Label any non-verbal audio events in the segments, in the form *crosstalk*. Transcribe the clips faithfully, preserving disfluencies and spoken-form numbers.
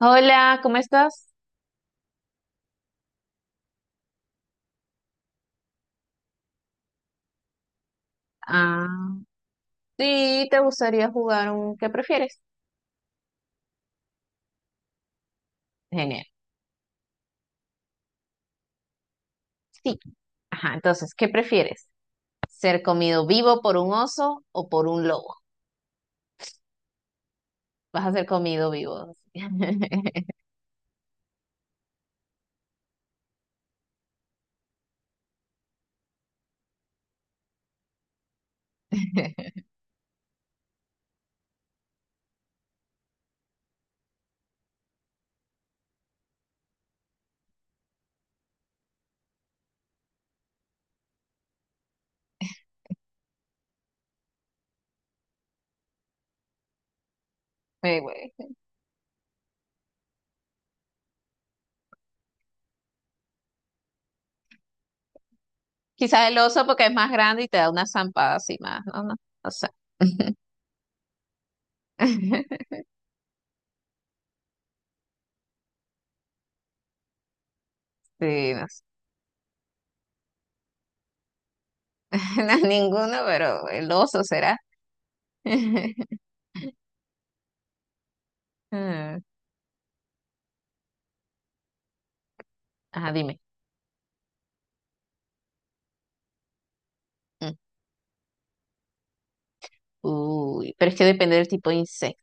Hola, ¿cómo estás? Ah, sí, ¿te gustaría jugar un qué prefieres? Genial. Sí. Ajá, entonces, ¿qué prefieres? ¿Ser comido vivo por un oso o por un lobo? Vas a ser comido vivo. *laughs* Eh, güey. Quizás el oso porque es más grande y te da una zampada así más, no, no, no sé. *laughs* Sí, no sé. *laughs* No, ninguno, pero el oso será. *laughs* Ah, ajá, dime. Mm. Uy, pero es que depende del tipo de insecto.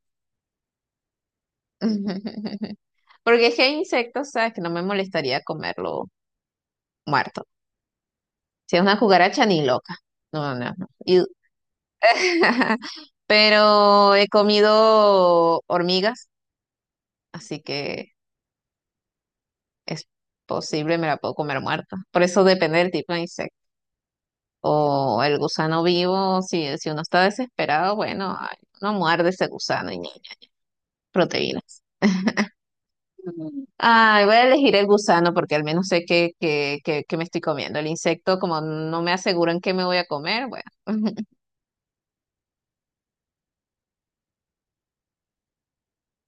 *laughs* Porque es que hay insectos, ¿sabes? Que no me molestaría comerlo muerto. Si es una cucaracha, ni loca. No, no, no. Y- *laughs* pero he comido hormigas, así que es posible, me la puedo comer muerta. Por eso depende del tipo de insecto. O el gusano vivo, si, si uno está desesperado, bueno, ay, uno muerde ese gusano y ya, proteína. Ay, voy a elegir el gusano porque al menos sé que, que, que, que me estoy comiendo. El insecto, como no me aseguran qué me voy a comer, bueno.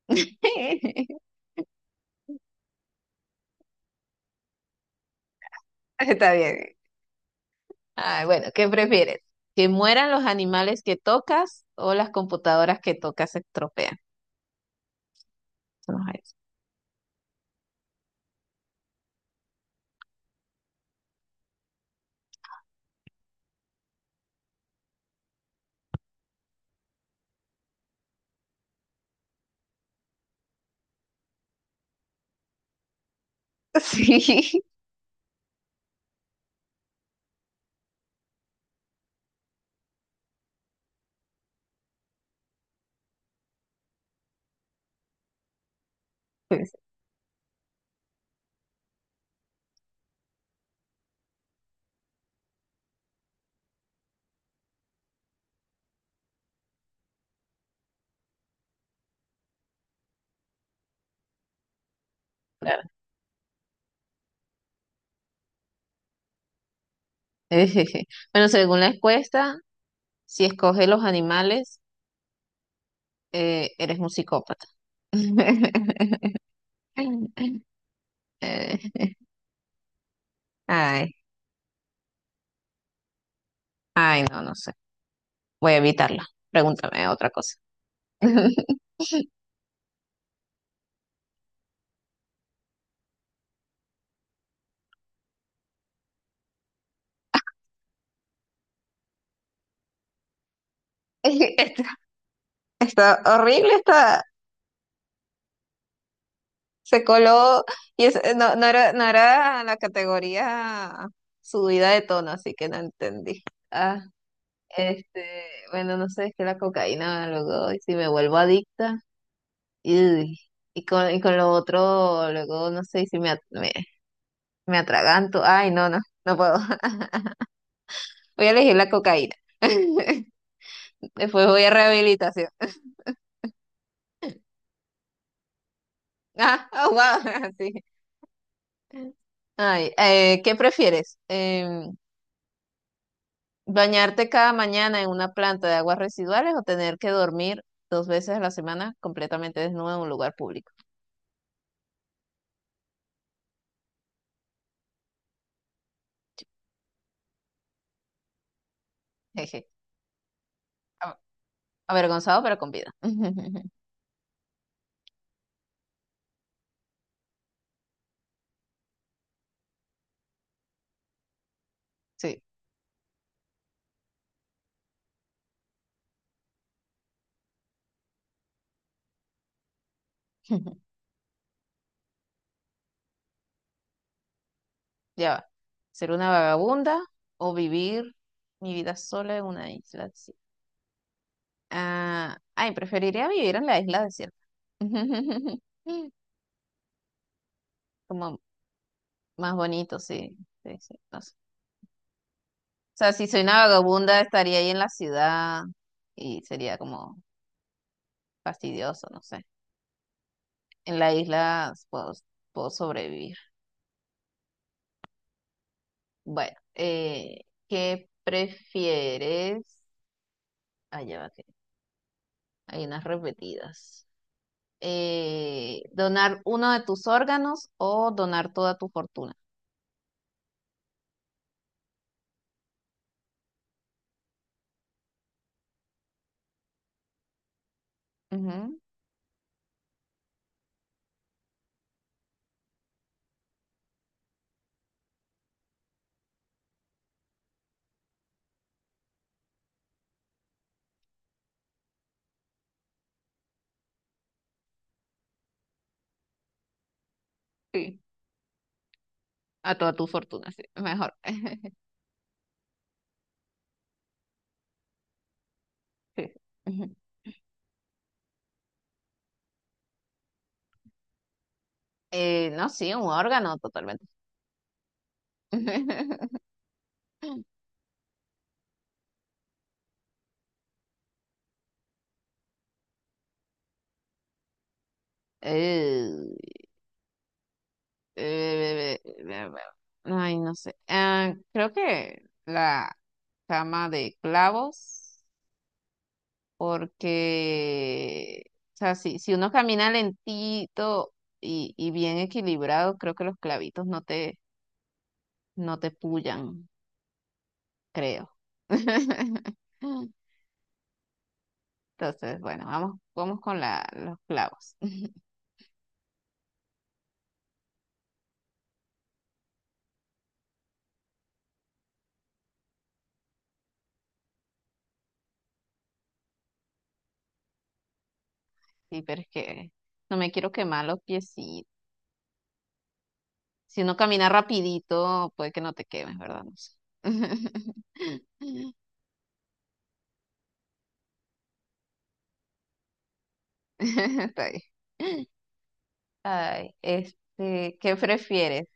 *laughs* Está bien. Ay, bueno, ¿qué prefieres? ¿Que mueran los animales que tocas o las computadoras que tocas se estropean? Vamos a ver. *laughs* Sí, sí, claro. *laughs* Bueno, según la encuesta, si escoges los animales, eh, eres un psicópata. *laughs* Eh, Ay, ay, no, no sé. Voy a evitarla. Pregúntame otra cosa. *laughs* Este- está horrible, está. Se coló y es- no, no era, no era la categoría subida de tono, así que no entendí. Ah, este, bueno, no sé, es que la cocaína luego, y si me vuelvo adicta, y, y con, y con lo otro, luego, no sé, y si me, at- me, me atraganto, ay, no, no, no puedo. *laughs* Voy a elegir la cocaína. *laughs* Después voy a rehabilitación. *laughs* Ah, oh, wow, *laughs* sí. Ay, eh, ¿qué prefieres? Em, ¿bañarte cada mañana en una planta de aguas residuales o tener que dormir dos veces a la semana completamente desnudo en un lugar público? Jeje. A- avergonzado, pero con vida. *laughs* Sí. *laughs* Ya va. ¿Ser una vagabunda o vivir mi vida sola en una isla desierta? Ah, ay, preferiría vivir en la isla desierta. *laughs* Como más bonito, sí. Sí, sí. No sé. O sea, si soy una vagabunda, estaría ahí en la ciudad y sería como fastidioso, no sé. En la isla puedo, puedo sobrevivir. Bueno, eh, ¿qué prefieres? Ah, ya va que hay unas repetidas. Eh, ¿donar uno de tus órganos o donar toda tu fortuna? Ujú, sí, a toda tu fortuna, sí, mejor. *laughs* Sí. Ujú. Eh, no, sí, un órgano totalmente. *laughs* Eh, eh, eh, eh, ay, no sé. Ah, creo que la cama de clavos, porque, o sea, si, si uno camina lentito y, y bien equilibrado, creo que los clavitos no te, no te pullan, creo. *laughs* Entonces, bueno, vamos, vamos con la, los clavos. *laughs* Sí, pero es que no me quiero quemar los piecitos. Si uno camina rapidito, puede que no te quemes, ¿verdad? No sé. *laughs* Está bien. Ay, este, ¿qué prefieres?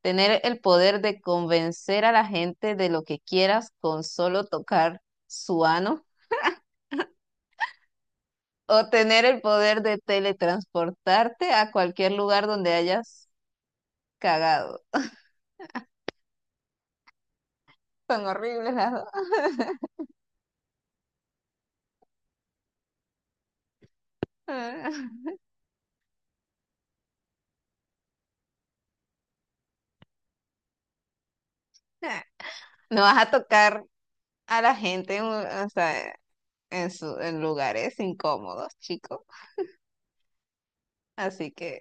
¿Tener el poder de convencer a la gente de lo que quieras con solo tocar su ano? ¿O tener el poder de teletransportarte a cualquier lugar donde hayas cagado? Son horribles las dos. *laughs* No vas a tocar a la gente, en un- o sea, en, su- en lugares incómodos, chicos. Así que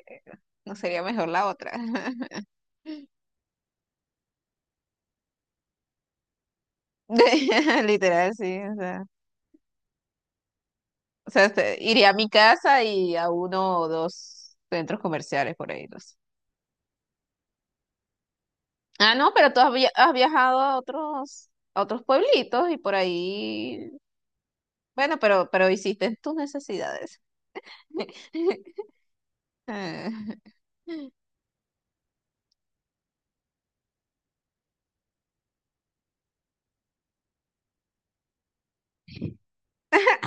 no sería mejor la otra. *laughs* *laughs* Literal, sí. O sea, o sea, este, iría a mi casa y a uno o dos centros comerciales por ahí. No sé. Ah, no, pero tú has, via- has viajado a otros, a otros pueblitos y por ahí. Bueno, pero, pero hiciste tus necesidades. *laughs* Ah, *laughs*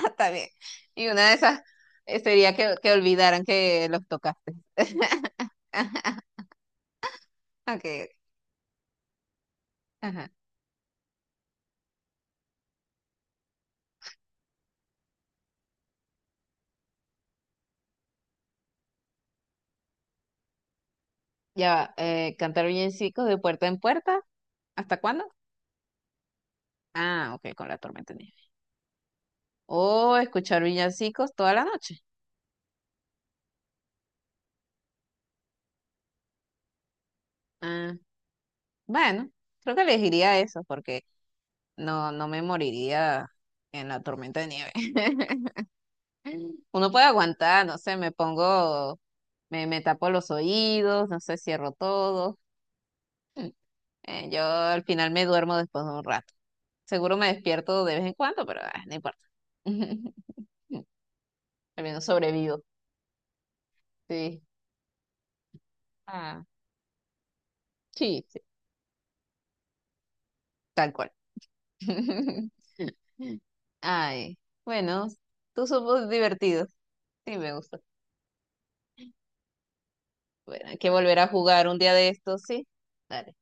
está bien. Y una de esas eh, sería que, que olvidaran que los tocaste. *laughs* Ok. Ajá. Ya va, eh, cantar villancicos de puerta en puerta. ¿Hasta cuándo? Ah, ok, con la tormenta de nieve. O escuchar villancicos toda la noche. Ah, bueno, creo que elegiría eso porque no, no me moriría en la tormenta de nieve. *laughs* Uno puede aguantar, no sé, me pongo, me, me tapo los oídos, no sé, cierro todo. Mm, eh, yo al final me duermo después de un rato. Seguro me despierto de vez en cuando, pero ah, no importa. *laughs* Al menos sobrevivo. Sí. Ah, sí, sí, tal cual. *laughs* Ay, bueno, tú somos divertidos. Sí, me gusta. Bueno, hay que volver a jugar un día de estos, sí. Dale.